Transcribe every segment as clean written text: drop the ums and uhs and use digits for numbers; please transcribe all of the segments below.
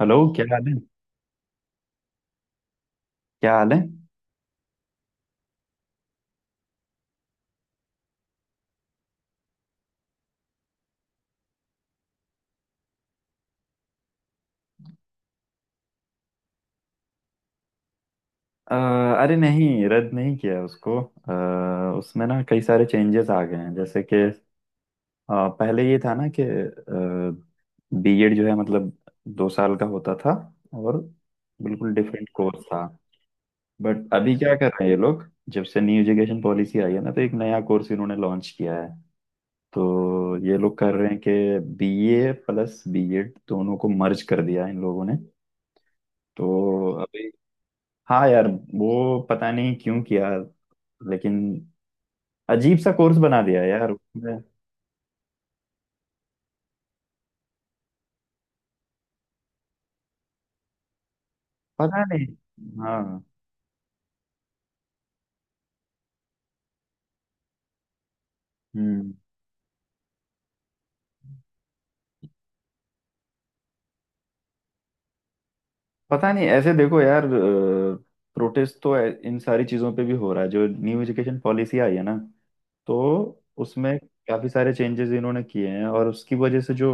Hello, क्या हाल है? क्या हाल है? अ, अरे नहीं, रद्द नहीं किया उसको। उसमें ना कई सारे चेंजेस आ गए हैं, जैसे कि पहले ये था ना कि बीएड जो है मतलब दो साल का होता था, और बिल्कुल डिफरेंट कोर्स था। बट अभी क्या कर रहे हैं ये लोग, जब से न्यू एजुकेशन पॉलिसी आई है ना, तो एक नया कोर्स इन्होंने लॉन्च किया है। तो ये लोग कर रहे हैं कि बीए प्लस बीएड दोनों को मर्ज कर दिया है इन लोगों ने। तो अभी हाँ यार, वो पता नहीं क्यों किया, लेकिन अजीब सा कोर्स बना दिया यार उसने। पता नहीं। हाँ। हम्म। पता नहीं, ऐसे देखो यार, प्रोटेस्ट तो इन सारी चीजों पे भी हो रहा है जो न्यू एजुकेशन पॉलिसी आई है ना, तो उसमें काफी सारे चेंजेस इन्होंने किए हैं, और उसकी वजह से जो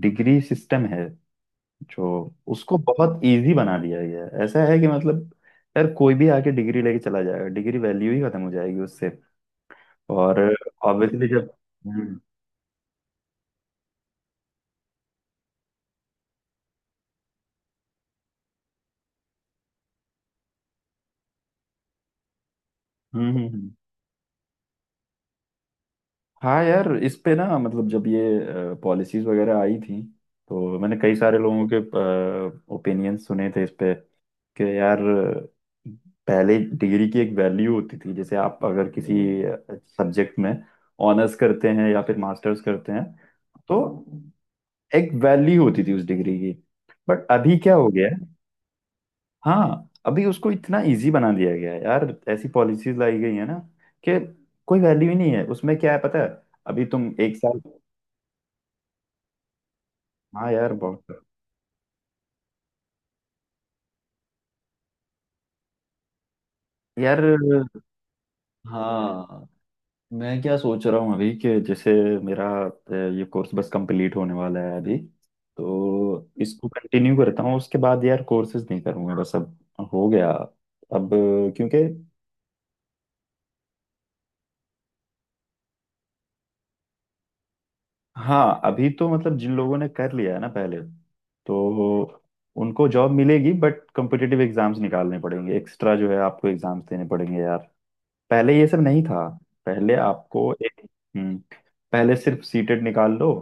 डिग्री सिस्टम है जो, उसको बहुत इजी बना दिया गया है। ऐसा है कि मतलब यार कोई भी आके डिग्री लेके चला जाएगा, डिग्री वैल्यू ही खत्म हो जाएगी उससे। और ऑब्वियसली जब हम्म। हम्म हम्म, हम्म। हाँ यार, इस पे ना मतलब जब ये पॉलिसीज वगैरह आई थी, तो मैंने कई सारे लोगों के ओपिनियंस सुने थे इस पे कि यार पहले डिग्री की एक वैल्यू होती थी। जैसे आप अगर किसी, सब्जेक्ट में ऑनर्स करते हैं या फिर मास्टर्स करते हैं, तो एक वैल्यू होती थी उस डिग्री की। बट अभी क्या हो गया है, हाँ अभी उसको इतना इजी बना दिया गया है यार। ऐसी पॉलिसीज लाई गई है ना कि कोई वैल्यू ही नहीं है उसमें। क्या है पता है, अभी तुम एक साल, हाँ यार बहुत, यार हाँ, मैं क्या सोच रहा हूँ अभी कि जैसे मेरा ये कोर्स बस कंप्लीट होने वाला है अभी, तो इसको कंटिन्यू करता हूँ। उसके बाद यार कोर्सेज नहीं करूँगा बस अब, हो गया। अब क्योंकि, हाँ अभी तो मतलब जिन लोगों ने कर लिया है ना पहले, तो उनको जॉब मिलेगी। बट कॉम्पिटिटिव एग्जाम्स निकालने पड़ेंगे, एक्स्ट्रा जो है आपको एग्जाम्स देने पड़ेंगे यार। पहले ये सब नहीं था, पहले आपको एक, हम्म, पहले सिर्फ सीटेट निकाल लो,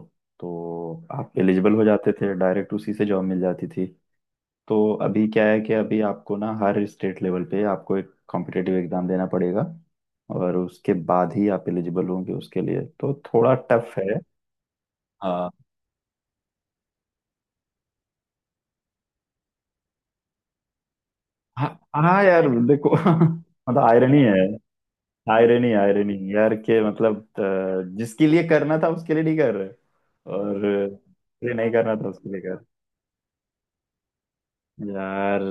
तो आप एलिजिबल हो जाते थे, डायरेक्ट उसी से जॉब मिल जाती थी। तो अभी क्या है कि अभी आपको ना हर स्टेट लेवल पे आपको एक कॉम्पिटिटिव एग्जाम देना पड़ेगा, और उसके बाद ही आप एलिजिबल होंगे उसके लिए, तो थोड़ा टफ है। हाँ। हाँ। हाँ यार देखो। मतलब आयरनी है, आयरनी आयरनी यार के, मतलब जिसके लिए करना था उसके लिए नहीं कर रहे, और जिसके लिए नहीं करना था उसके लिए कर रहे। यार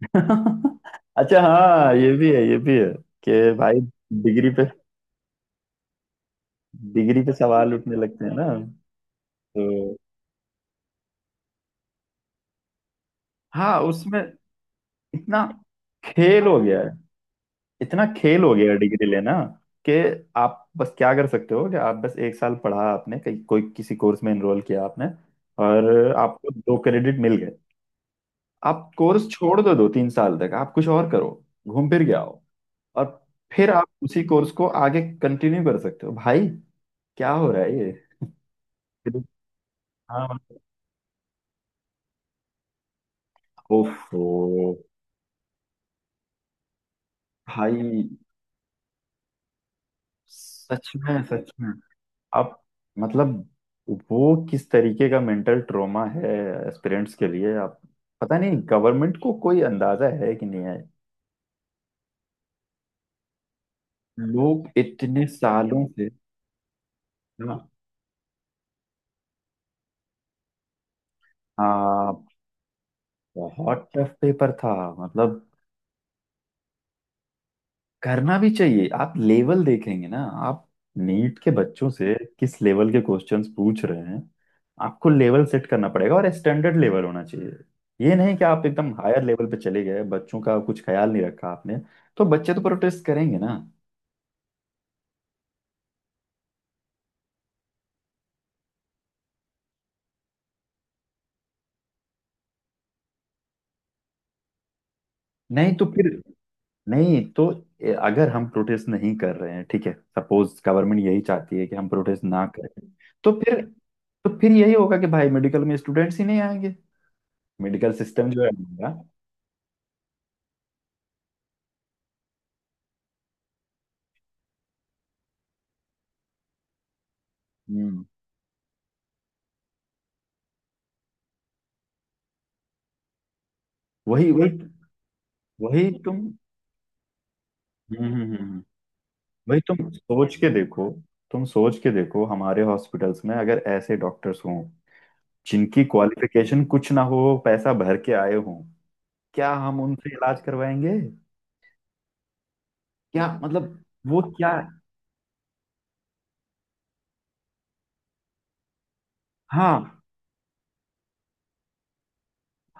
अच्छा हाँ, ये भी है कि भाई डिग्री पे, डिग्री पे सवाल उठने लगते हैं ना, तो हाँ उसमें इतना खेल हो गया है। इतना खेल हो गया डिग्री लेना कि आप बस क्या कर सकते हो, कि आप बस एक साल पढ़ा, आपने कहीं कोई किसी कोर्स में एनरोल किया आपने, और आपको दो क्रेडिट मिल गए। आप कोर्स छोड़ दो, दो तीन साल तक आप कुछ और करो, घूम फिर के आओ, और फिर आप उसी कोर्स को आगे कंटिन्यू कर सकते हो भाई। क्या हो रहा है ये? फिर- हाँ। ओफो भाई, सच में सच में। अब मतलब वो किस तरीके का मेंटल ट्रॉमा है एस्पिरेंट्स के लिए आप, पता नहीं गवर्नमेंट को कोई अंदाजा है कि नहीं है। लोग इतने सालों से, हाँ। हाँ, बहुत टफ पेपर था। मतलब करना भी चाहिए, आप लेवल देखेंगे ना, आप नीट के बच्चों से किस लेवल के क्वेश्चंस पूछ रहे हैं। आपको लेवल सेट करना पड़ेगा और स्टैंडर्ड लेवल होना चाहिए। ये नहीं कि आप एकदम हायर लेवल पे चले गए, बच्चों का कुछ ख्याल नहीं रखा आपने। तो बच्चे तो प्रोटेस्ट करेंगे ना। नहीं तो फिर, नहीं तो, अगर हम प्रोटेस्ट नहीं कर रहे हैं, ठीक है, सपोज गवर्नमेंट यही चाहती है कि हम प्रोटेस्ट ना करें, तो फिर, तो फिर यही होगा कि भाई मेडिकल में स्टूडेंट्स ही नहीं आएंगे। मेडिकल सिस्टम जो है हमारा, हम्म, वही वही। वही तुम, हम्म हम्म हम्म, हम्म। वही तुम सोच के देखो, तुम सोच के देखो, हमारे हॉस्पिटल्स में अगर ऐसे डॉक्टर्स हों जिनकी क्वालिफिकेशन कुछ ना हो, पैसा भर के आए हों, क्या हम उनसे इलाज करवाएंगे? क्या मतलब वो क्या, हाँ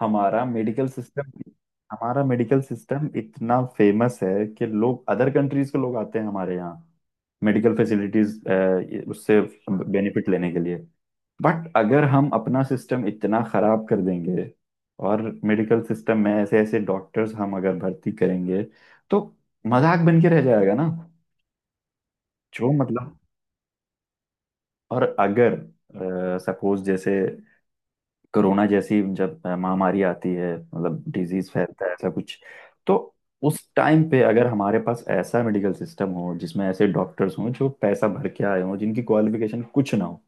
हमारा मेडिकल सिस्टम, हमारा मेडिकल सिस्टम इतना फेमस है कि लोग, अदर कंट्रीज के लोग आते हैं हमारे यहाँ मेडिकल फैसिलिटीज, उससे बेनिफिट लेने के लिए। बट अगर हम अपना सिस्टम इतना खराब कर देंगे, और मेडिकल सिस्टम में ऐसे ऐसे डॉक्टर्स हम अगर भर्ती करेंगे, तो मजाक बन के रह जाएगा ना। जो मतलब, और अगर सपोज जैसे कोरोना जैसी जब महामारी आती है, मतलब डिजीज फैलता है ऐसा कुछ, तो उस टाइम पे अगर हमारे पास ऐसा मेडिकल सिस्टम हो जिसमें ऐसे डॉक्टर्स हों जो पैसा भर के आए हों, जिनकी क्वालिफिकेशन कुछ ना हो,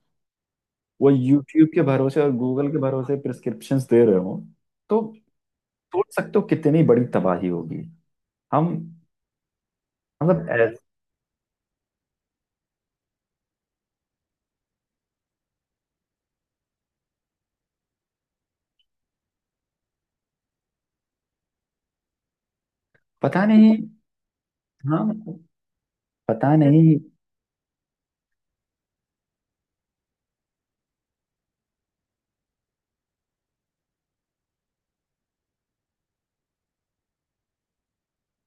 वो यूट्यूब के भरोसे और गूगल के भरोसे प्रिस्क्रिप्शंस दे रहे हों, तो सोच सकते हो कितनी बड़ी तबाही होगी। हम मतलब ऐ- पता नहीं। हाँ पता नहीं।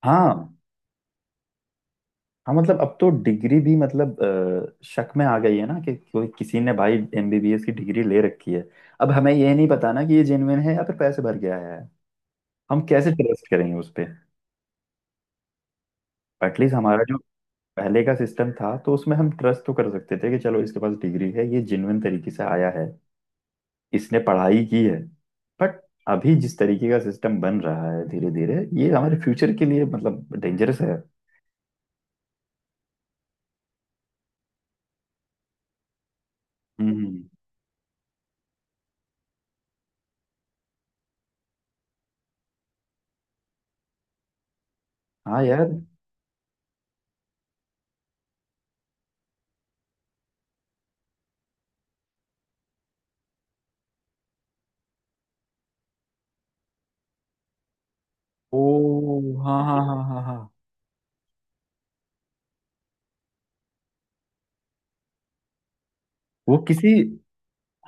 हाँ हाँ, मतलब अब तो डिग्री भी मतलब शक में आ गई है ना कि कोई, किसी ने भाई एमबीबीएस की डिग्री ले रखी है, अब हमें ये नहीं पता ना कि ये जेन्युइन है या फिर पैसे भर के आया है। हम कैसे ट्रस्ट करेंगे उस पे। एटलीस्ट हमारा जो पहले का सिस्टम था, तो उसमें हम ट्रस्ट तो कर सकते थे कि चलो इसके पास डिग्री है, ये जेन्युइन तरीके से आया है, इसने पढ़ाई की है। बट अभी जिस तरीके का सिस्टम बन रहा है धीरे धीरे, ये हमारे फ्यूचर के लिए मतलब डेंजरस है। हम्म। हाँ यार। ओ हाँ हाँ हाँ हाँ हाँ। वो किसी,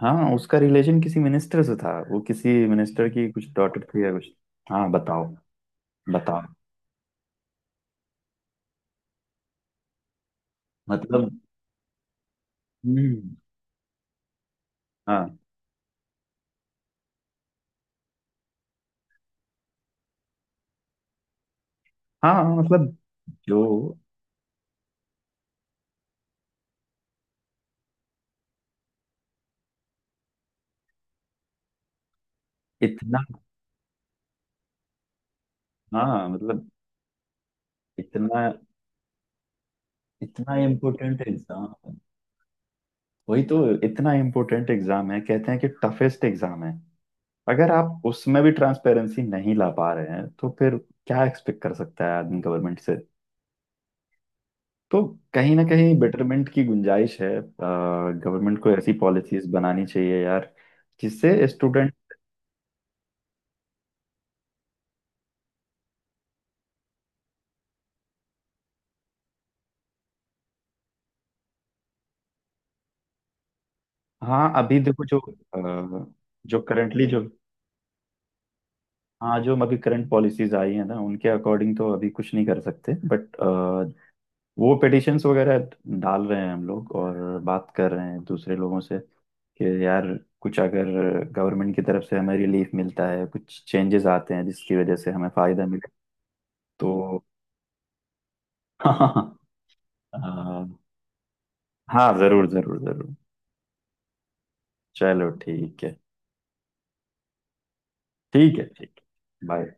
हाँ उसका रिलेशन किसी मिनिस्टर से था, वो किसी मिनिस्टर की कुछ डॉटर थी या कुछ। हाँ बताओ। बताओ। मतलब, हम्म, हाँ। हाँ मतलब जो, इतना, हाँ मतलब, इतना, इतना इम्पोर्टेंट एग्जाम, वही तो, इतना इम्पोर्टेंट एग्जाम है, कहते हैं कि टफेस्ट एग्जाम है। अगर आप उसमें भी ट्रांसपेरेंसी नहीं ला पा रहे हैं, तो फिर क्या एक्सपेक्ट कर सकता है आदमी गवर्नमेंट से। तो कहीं ना कहीं बेटरमेंट की गुंजाइश है। गवर्नमेंट को ऐसी पॉलिसीज बनानी चाहिए यार जिससे स्टूडेंट, हाँ अभी देखो जो अ, जो करंटली जो, हाँ जो अभी करंट पॉलिसीज आई है ना, उनके अकॉर्डिंग तो अभी कुछ नहीं कर सकते। बट वो पिटिशंस वगैरह डाल रहे हैं हम लोग, और बात कर रहे हैं दूसरे लोगों से कि यार कुछ अगर गवर्नमेंट की तरफ से हमें रिलीफ मिलता है, कुछ चेंजेस आते हैं जिसकी वजह से हमें फायदा मिले, तो हाँ। हाँ जरूर जरूर जरूर। चलो ठीक है। ठीक है ठीक है, बाय।